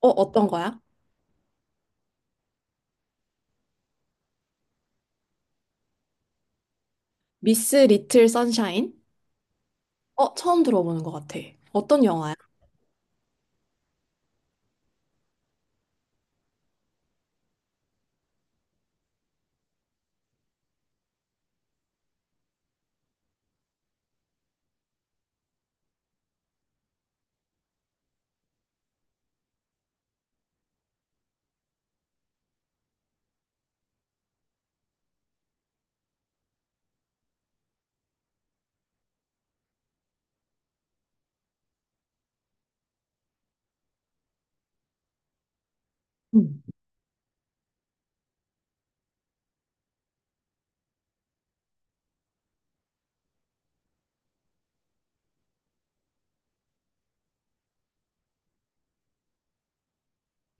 어, 어떤 거야? 미스 리틀 선샤인? 어, 처음 들어보는 것 같아. 어떤 영화야? 음.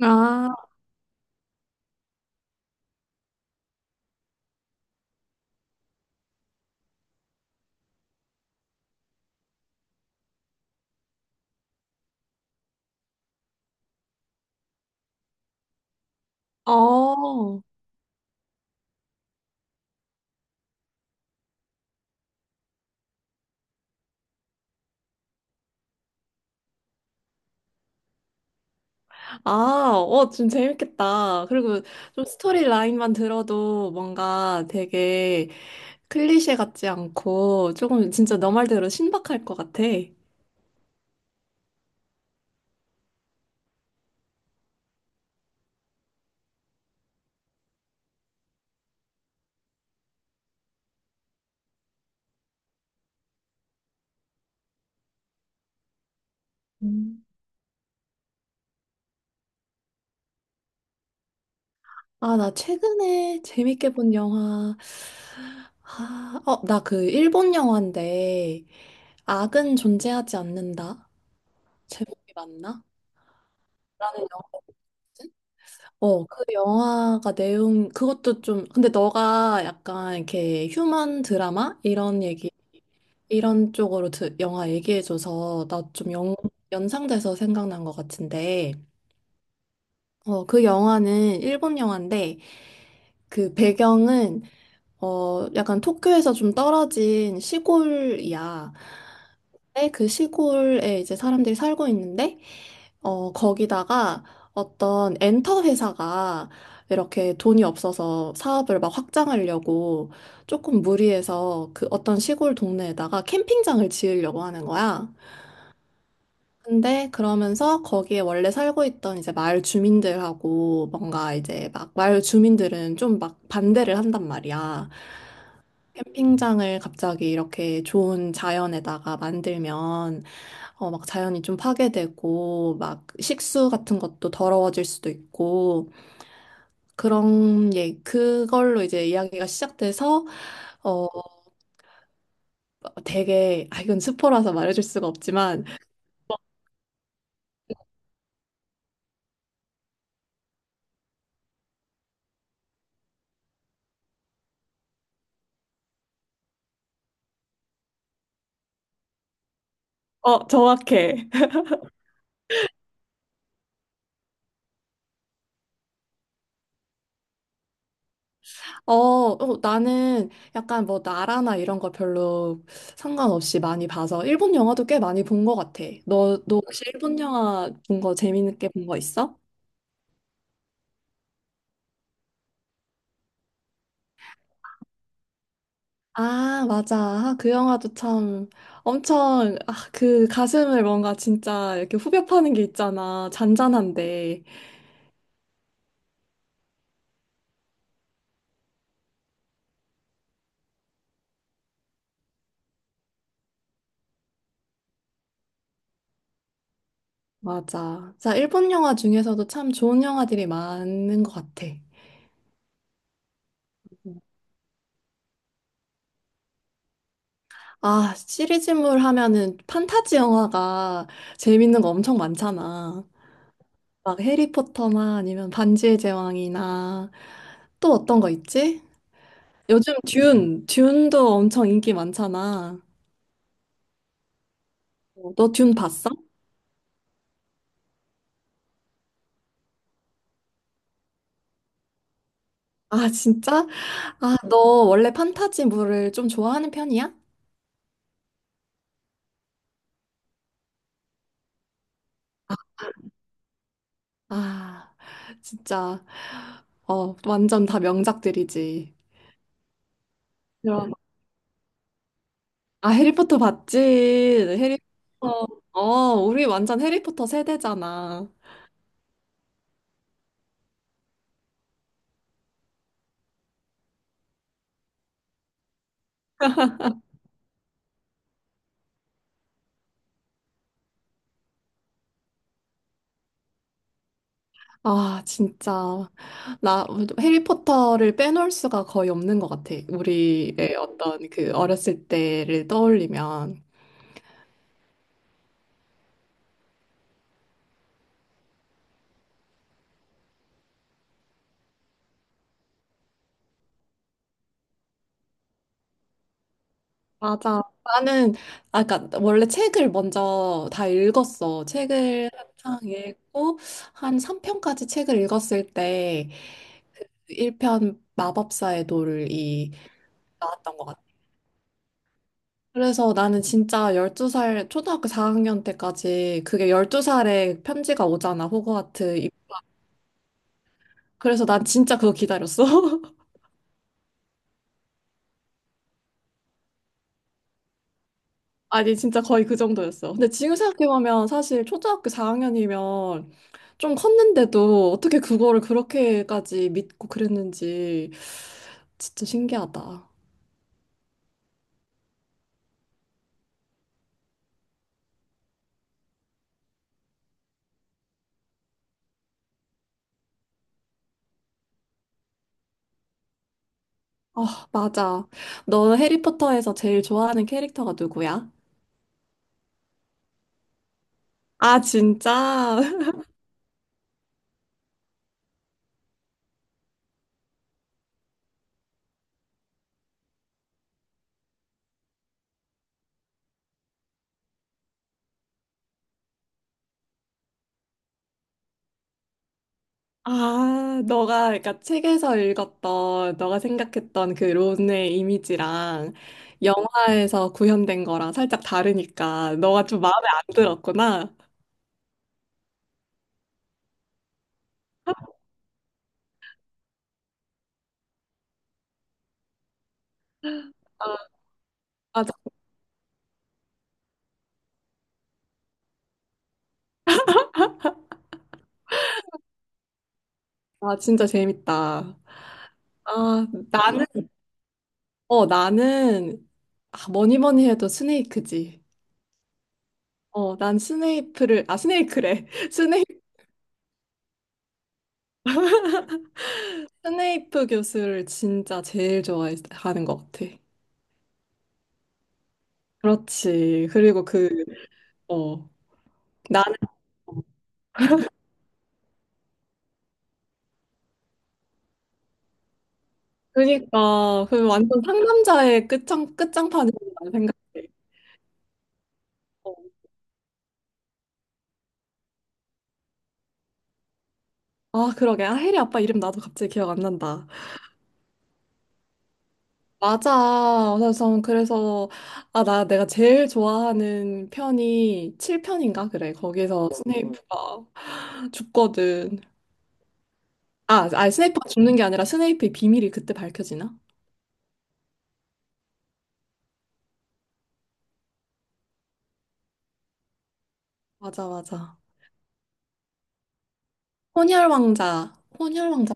아, 어. 아, 어, 좀 재밌겠다. 그리고 좀 스토리 라인만 들어도 뭔가 되게 클리셰 같지 않고 조금 진짜 너 말대로 신박할 것 같아. 음. 아, 나 최근에 재밌게 본 영화. 아, 어, 나 그 일본 영화인데, 악은 존재하지 않는다. 제목이 맞나? 어, 그 영화가 내용, 그것도 좀, 근데 너가 약간 이렇게 휴먼 드라마? 이런 얘기, 이런 쪽으로 영화 얘기해줘서 나 좀 연상돼서 생각난 것 같은데, 어, 그 영화는 일본 영화인데, 그 배경은, 어, 약간 도쿄에서 좀 떨어진 시골이야. 근데 그 시골에 이제 사람들이 살고 있는데, 어, 거기다가 어떤 엔터 회사가 이렇게 돈이 없어서 사업을 막 확장하려고 조금 무리해서 그 어떤 시골 동네에다가 캠핑장을 지으려고 하는 거야. 근데 그러면서 거기에 원래 살고 있던 이제 마을 주민들하고 뭔가 이제 막 마을 주민들은 좀 막 반대를 한단 말이야. 캠핑장을 갑자기 이렇게 좋은 자연에다가 만들면 어, 막 자연이 좀 파괴되고, 막 식수 같은 것도 더러워질 수도 있고, 그런, 예, 그걸로 이제 이야기가 시작돼서, 어, 되게, 아, 이건 스포라서 말해줄 수가 없지만, 어, 정확해. 어, 나는 약간 뭐 나라나 이런 거 별로 상관없이 많이 봐서, 일본 영화도 꽤 많이 본 것 같아. 너 혹시 일본 영화 본 거 재밌게 본 거 있어? 아, 맞아. 아, 그 영화도 참 엄청 아, 그 가슴을 뭔가 진짜 이렇게 후벼 파는 게 있잖아. 잔잔한데. 맞아. 자, 일본 영화 중에서도 참 좋은 영화들이 많은 것 같아. 아, 시리즈물 하면은 판타지 영화가 재밌는 거 엄청 많잖아. 막 해리포터나 아니면 반지의 제왕이나 또 어떤 거 있지? 요즘 듄도 엄청 인기 많잖아. 어, 너듄 봤어? 아, 진짜? 너 원래 판타지물을 좀 좋아하는 편이야? 아, 진짜, 어, 완전 다 명작들이지. 그럼. 아, 해리포터 봤지? 해리포터. 어, 우리 완전 해리포터 세대잖아. 아, 진짜. 나 해리포터를 빼놓을 수가 거의 없는 것 같아. 우리의 어떤 그 어렸을 때를 떠올리면. 맞아. 나는 아까 원래 책을 먼저 다 읽었어. 책을 한창 읽고 한 3편까지 책을 읽었을 때 1편 마법사의 돌이 나왔던 것 같아. 그래서 나는 진짜 12살 초등학교 4학년 때까지 그게 12살에 편지가 오잖아. 호그와트. 그래서 난 진짜 그거 기다렸어. 아니, 진짜 거의 그 정도였어. 근데 지금 생각해보면 사실 초등학교 4학년이면 좀 컸는데도 어떻게 그거를 그렇게까지 믿고 그랬는지 진짜 신기하다. 아, 맞아. 너 해리포터에서 제일 좋아하는 캐릭터가 누구야? 아, 진짜? 아, 너가 그러니까 책에서 읽었던, 너가 생각했던 그 론의 이미지랑 영화에서 구현된 거랑 살짝 다르니까 너가 좀 마음에 안 들었구나. 아, 맞아. 아, 진짜 재밌다. 아, 나는, 나는, 아, 뭐니 뭐니 해도 스네이크지. 어, 난 스네이프를, 아, 스네이크래. 스네이, 스네이프 교수를 진짜 제일 좋아하는 것 같아. 그렇지. 그리고 그, 어, 나는, 그니까, 그 완전 상남자의 끝장판이라고 생각해. 어. 아, 그러게. 아, 해리 아빠 이름 나도 갑자기 기억 안 난다. 맞아. 그래서 아, 나 내가 제일 좋아하는 편이 7편인가 그래. 거기서 스네이프가 죽거든. 아, 스네이프가 죽는 게 아니라 스네이프의 비밀이 그때 밝혀지나? 맞아, 맞아. 혼혈 왕자. 혼혈 왕자.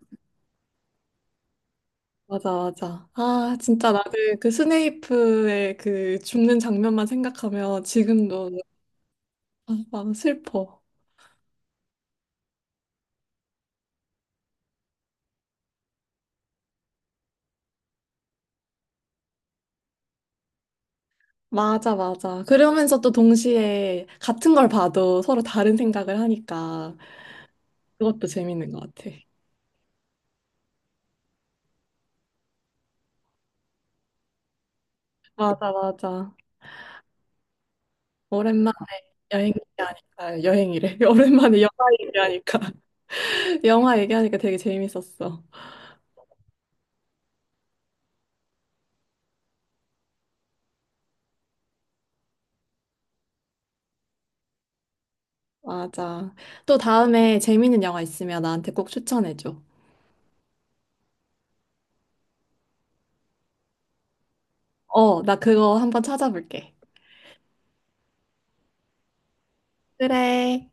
맞아, 맞아. 아, 진짜 나는 그 스네이프의 그 죽는 장면만 생각하면 지금도 아, 막 슬퍼. 맞아, 맞아. 그러면서 또 동시에 같은 걸 봐도 서로 다른 생각을 하니까. 그것도 재밌는 것 같아. 맞아, 맞아. 오랜만에 여행 얘기하니까, 여행이래. 오랜만에 영화 얘기하니까, 영화 얘기하니까 되게 재밌었어. 맞아. 또 다음에 재밌는 영화 있으면 나한테 꼭 추천해줘. 어, 나 그거 한번 찾아볼게. 그래.